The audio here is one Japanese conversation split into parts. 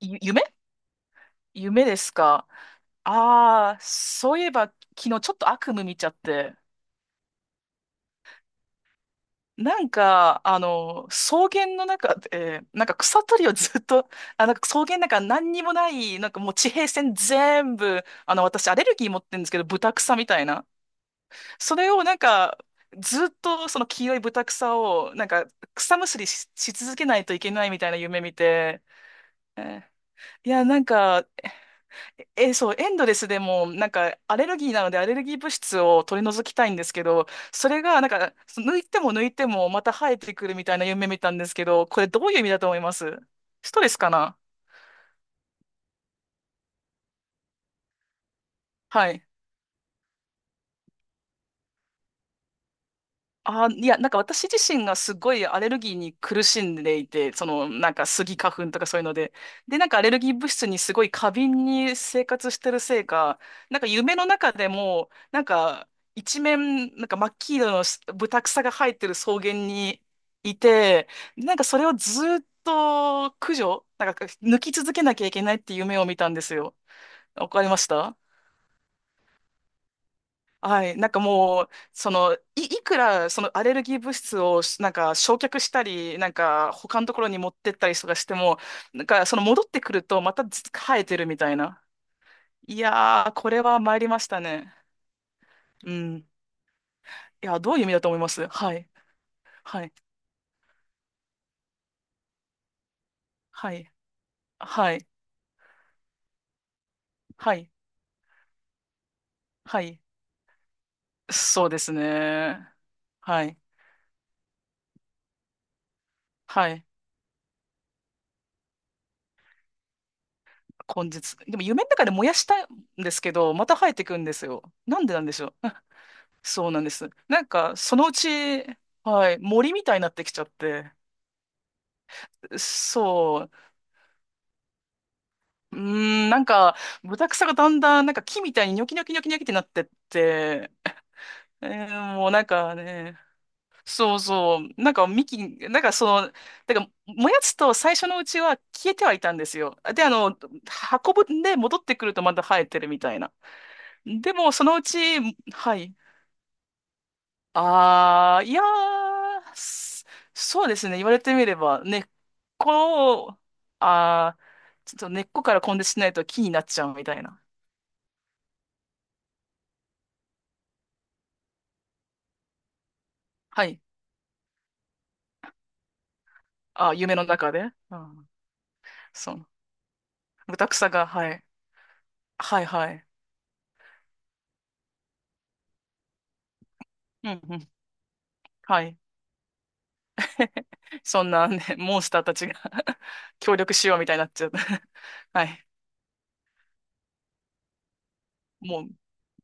ゆ夢夢ですか？そういえば昨日ちょっと悪夢見ちゃって、なんか、草原の中で、なんか草取りをずっと、あ、なんか草原なんか何にもない、なんかもう地平線全部、私アレルギー持ってるんですけど、ブタみたいな。それをなんか、ずっとその黄色いブタを、なんか草むしりし続けないといけないみたいな夢見て、えーなんか、え、そう、エンドレスでも、なんか、アレルギーなので、アレルギー物質を取り除きたいんですけど、それが、なんか、抜いても抜いても、また生えてくるみたいな夢見たんですけど、これどういう意味だと思います？ストレスかな？はい。あ、いや、なんか私自身がすごいアレルギーに苦しんでいて、その、なんかスギ花粉とかそういうので、で、なんかアレルギー物質にすごい過敏に生活してるせいか、なんか夢の中でも、なんか一面、なんか真っ黄色のブタクサが生えてる草原にいて、なんかそれをずーっと駆除、なんか抜き続けなきゃいけないっていう夢を見たんですよ。わかりました？はい、なんかもう、その、いくらそのアレルギー物質をしなんか焼却したり、なんか他のところに持ってったりとかしても、なんかその戻ってくるとまたず生えてるみたいな。いやー、これは参りましたね。うん。いや、どういう意味だと思います？はい、はい、はい、はい、はい、はい。そうですね。はい、はい。根絶。でも夢の中で燃やしたんですけど、また生えてくんですよ。なんでなんでしょう。そうなんです。なんか、そのうち、はい、森みたいになってきちゃって。そう。うーん、なんか、ブタクサがだんだん、なんか木みたいにニョキニョキニョキニョキってなってって、えーもうなんかね、そうそう、なんか幹、なんかその、だから燃やすと最初のうちは消えてはいたんですよ。で、あの、運ぶんで戻ってくるとまた生えてるみたいな。でも、そのうち、はい。ああ、いやー、すそうですね。言われてみればね、根っこを、ああ、ちょっと根っこから根絶しないと木になっちゃうみたいな。はい。あー夢の中で。うん。そう。ブタが、はい。はいはい。うんうん。はい。そんなね、モンスターたちが 協力しようみたいになっちゃった。 はい。もう、フ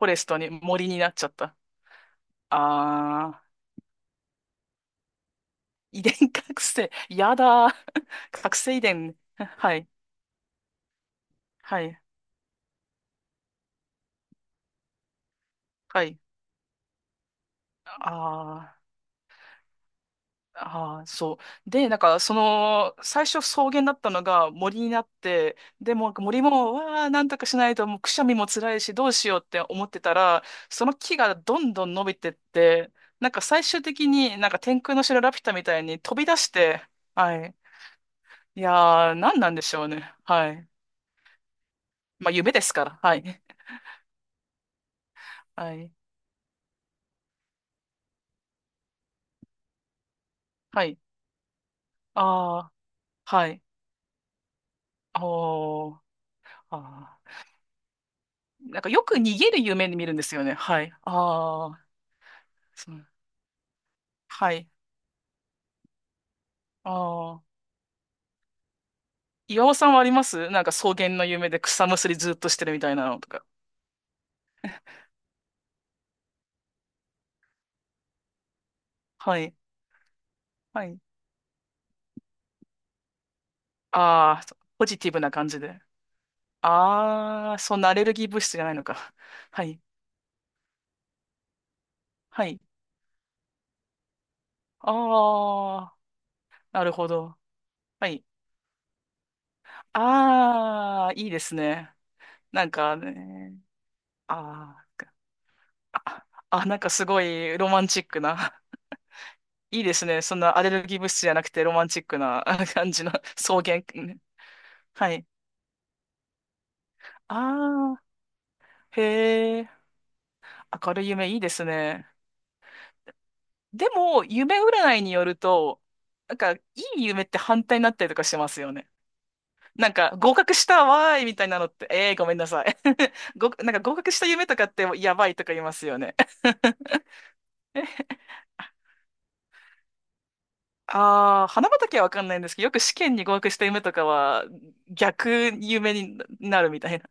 ォレストに森になっちゃった。ああ、遺伝覚醒。やだー。覚醒遺伝。はい。はい。はい。ああ、ああ、そう。で、なんか、その、最初草原だったのが森になって、でも、森も、わあ、なんとかしないと、もうくしゃみも辛いし、どうしようって思ってたら、その木がどんどん伸びてって、なんか最終的になんか天空の城ラピュタみたいに飛び出して、はい。いやー、何なんでしょうね。はい。まあ、夢ですから。はい。はい。はい。ああ、はい。おー。あーなんかよく逃げる夢で見るんですよね。はい。ああ、そう。はい。ああ。岩尾さんはあります？なんか草原の夢で草むしりずっとしてるみたいなのとか。はい。はい。ああ、ポジティブな感じで。ああ、そんなアレルギー物質じゃないのか。はい。はい。ああ、なるほど。はい。ああ、いいですね。なんかね、あーあ、あ、なんかすごいロマンチックな。いいですね。そんなアレルギー物質じゃなくてロマンチックなあ感じの草原。ね？はい。ああ、へえ、明るい夢いいですね。でも、夢占いによると、なんか、いい夢って反対になったりとかしますよね。なんか、合格したわーいみたいなのって、ええー、ごめんなさい。ご、なんか合格した夢とかってやばいとか言いますよね。ああ、花畑はわかんないんですけど、よく試験に合格した夢とかは逆夢になるみたいな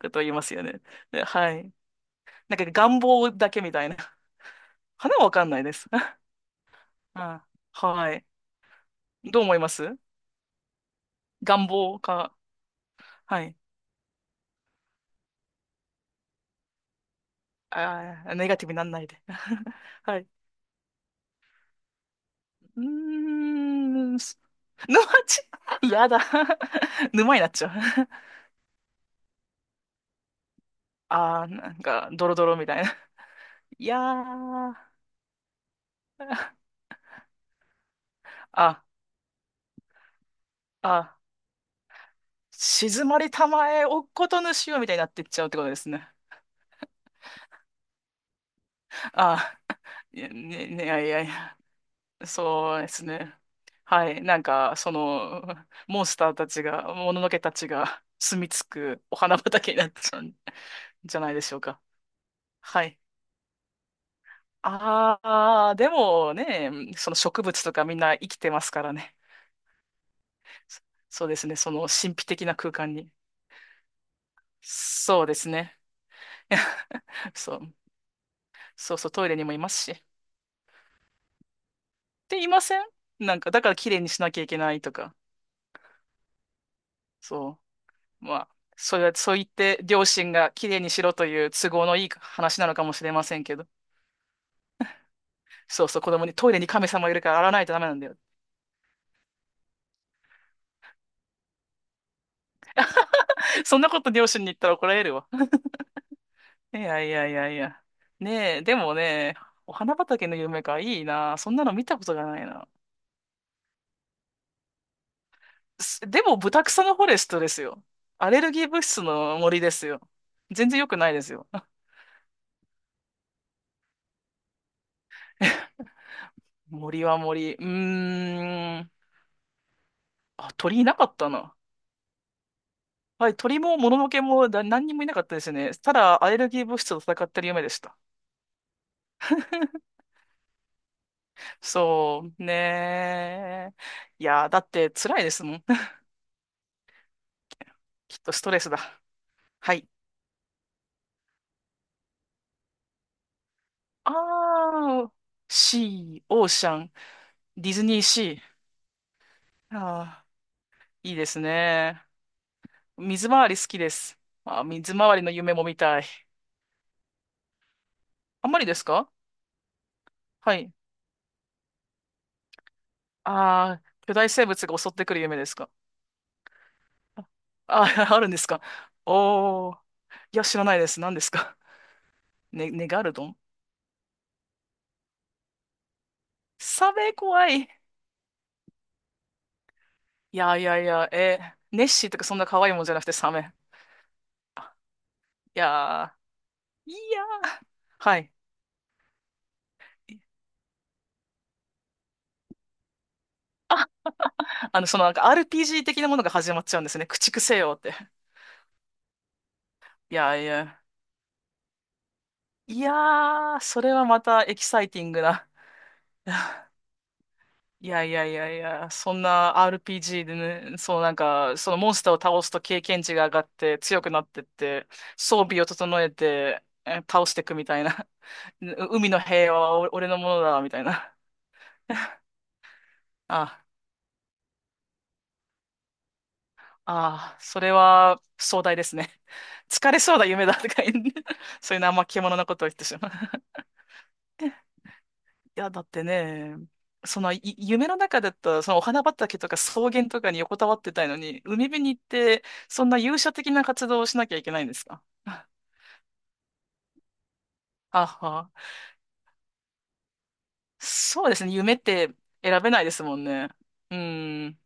ことを言いますよね。ではい。なんか願望だけみたいな。花はわかんないです。あ、はい。どう思います？願望か。はい。あー、ネガティブになんないで。はい。うーん、す沼地、やだ。沼になっちゃう。あー、なんか、ドロドロみたいな。いやー、あ、あ、静まりたまえ、おっことぬしよみたいになってっちゃうってことですね。あー、いやね、ね、いやいやいや。そうですね。はい。なんか、その、モンスターたちが、もののけたちが 住み着くお花畑になっちゃうんじゃ ないでしょうか。はい。ああ、でもね、その植物とかみんな生きてますからね。そそうですね。その神秘的な空間に。そうですね。そう。そうそう、トイレにもいますし。って言いません？なんか、だから綺麗にしなきゃいけないとか。そう。まあ、それは、そう言って両親がきれいにしろという都合のいい話なのかもしれませんけど。そうそう、子供にトイレに神様いるから洗わないとダメなんだよ。そんなこと両親に言ったら怒られるわ。いやいやいやいや。ねえ、でもね、お花畑の夢か、いいな。そんなの見たことがないな。すでも、ブタクサのフォレストですよ。アレルギー物質の森ですよ。全然良くないですよ。森は森。うーん。あ、鳥いなかったな。はい、鳥ももののけもだ何にもいなかったですね。ただ、アレルギー物質と戦ってる夢でした。そうねー。いやー、だって辛いですもん。きっとストレスだ。はい。あー、シー、オーシャン、ディズニーシー。あー、いいですね。水回り好きです。あー、水回りの夢も見たい。あんまりですか？はい。あー、巨大生物が襲ってくる夢ですか？あ、あ あるんですか？おー。いや、知らないです。何ですか？ね、ネガルドン。サメ怖い。いやいやいや、えーネッシーとかそんな可愛いもんじゃなくてサメ。あいやー、いやー、はい。あの、そのなんか RPG 的なものが始まっちゃうんですね。駆逐せよって。いやいや、いやー、それはまたエキサイティングな。いやいやいやいや、そんな RPG でね、そうなんか、そのモンスターを倒すと経験値が上がって強くなってって、装備を整えて、え倒していくみたいな。う海の平和はお俺のものだ、みたいな。あ、ああ、それは壮大ですね。疲れそうな夢だとか言う そういうのあんま獣なことを言ってしまう。や、だってね、その、い夢の中だったら、そのお花畑とか草原とかに横たわってたいのに、海辺に行って、そんな勇者的な活動をしなきゃいけないんですか？ あは。そうですね、夢って選べないですもんね。うん。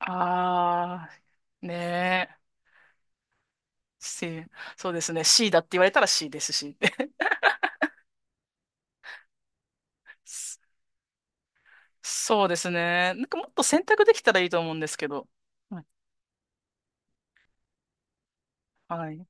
ああ、ねえ。C、そうですね。C だって言われたら C ですし。そそうですね。なんかもっと選択できたらいいと思うんですけど。はい。はい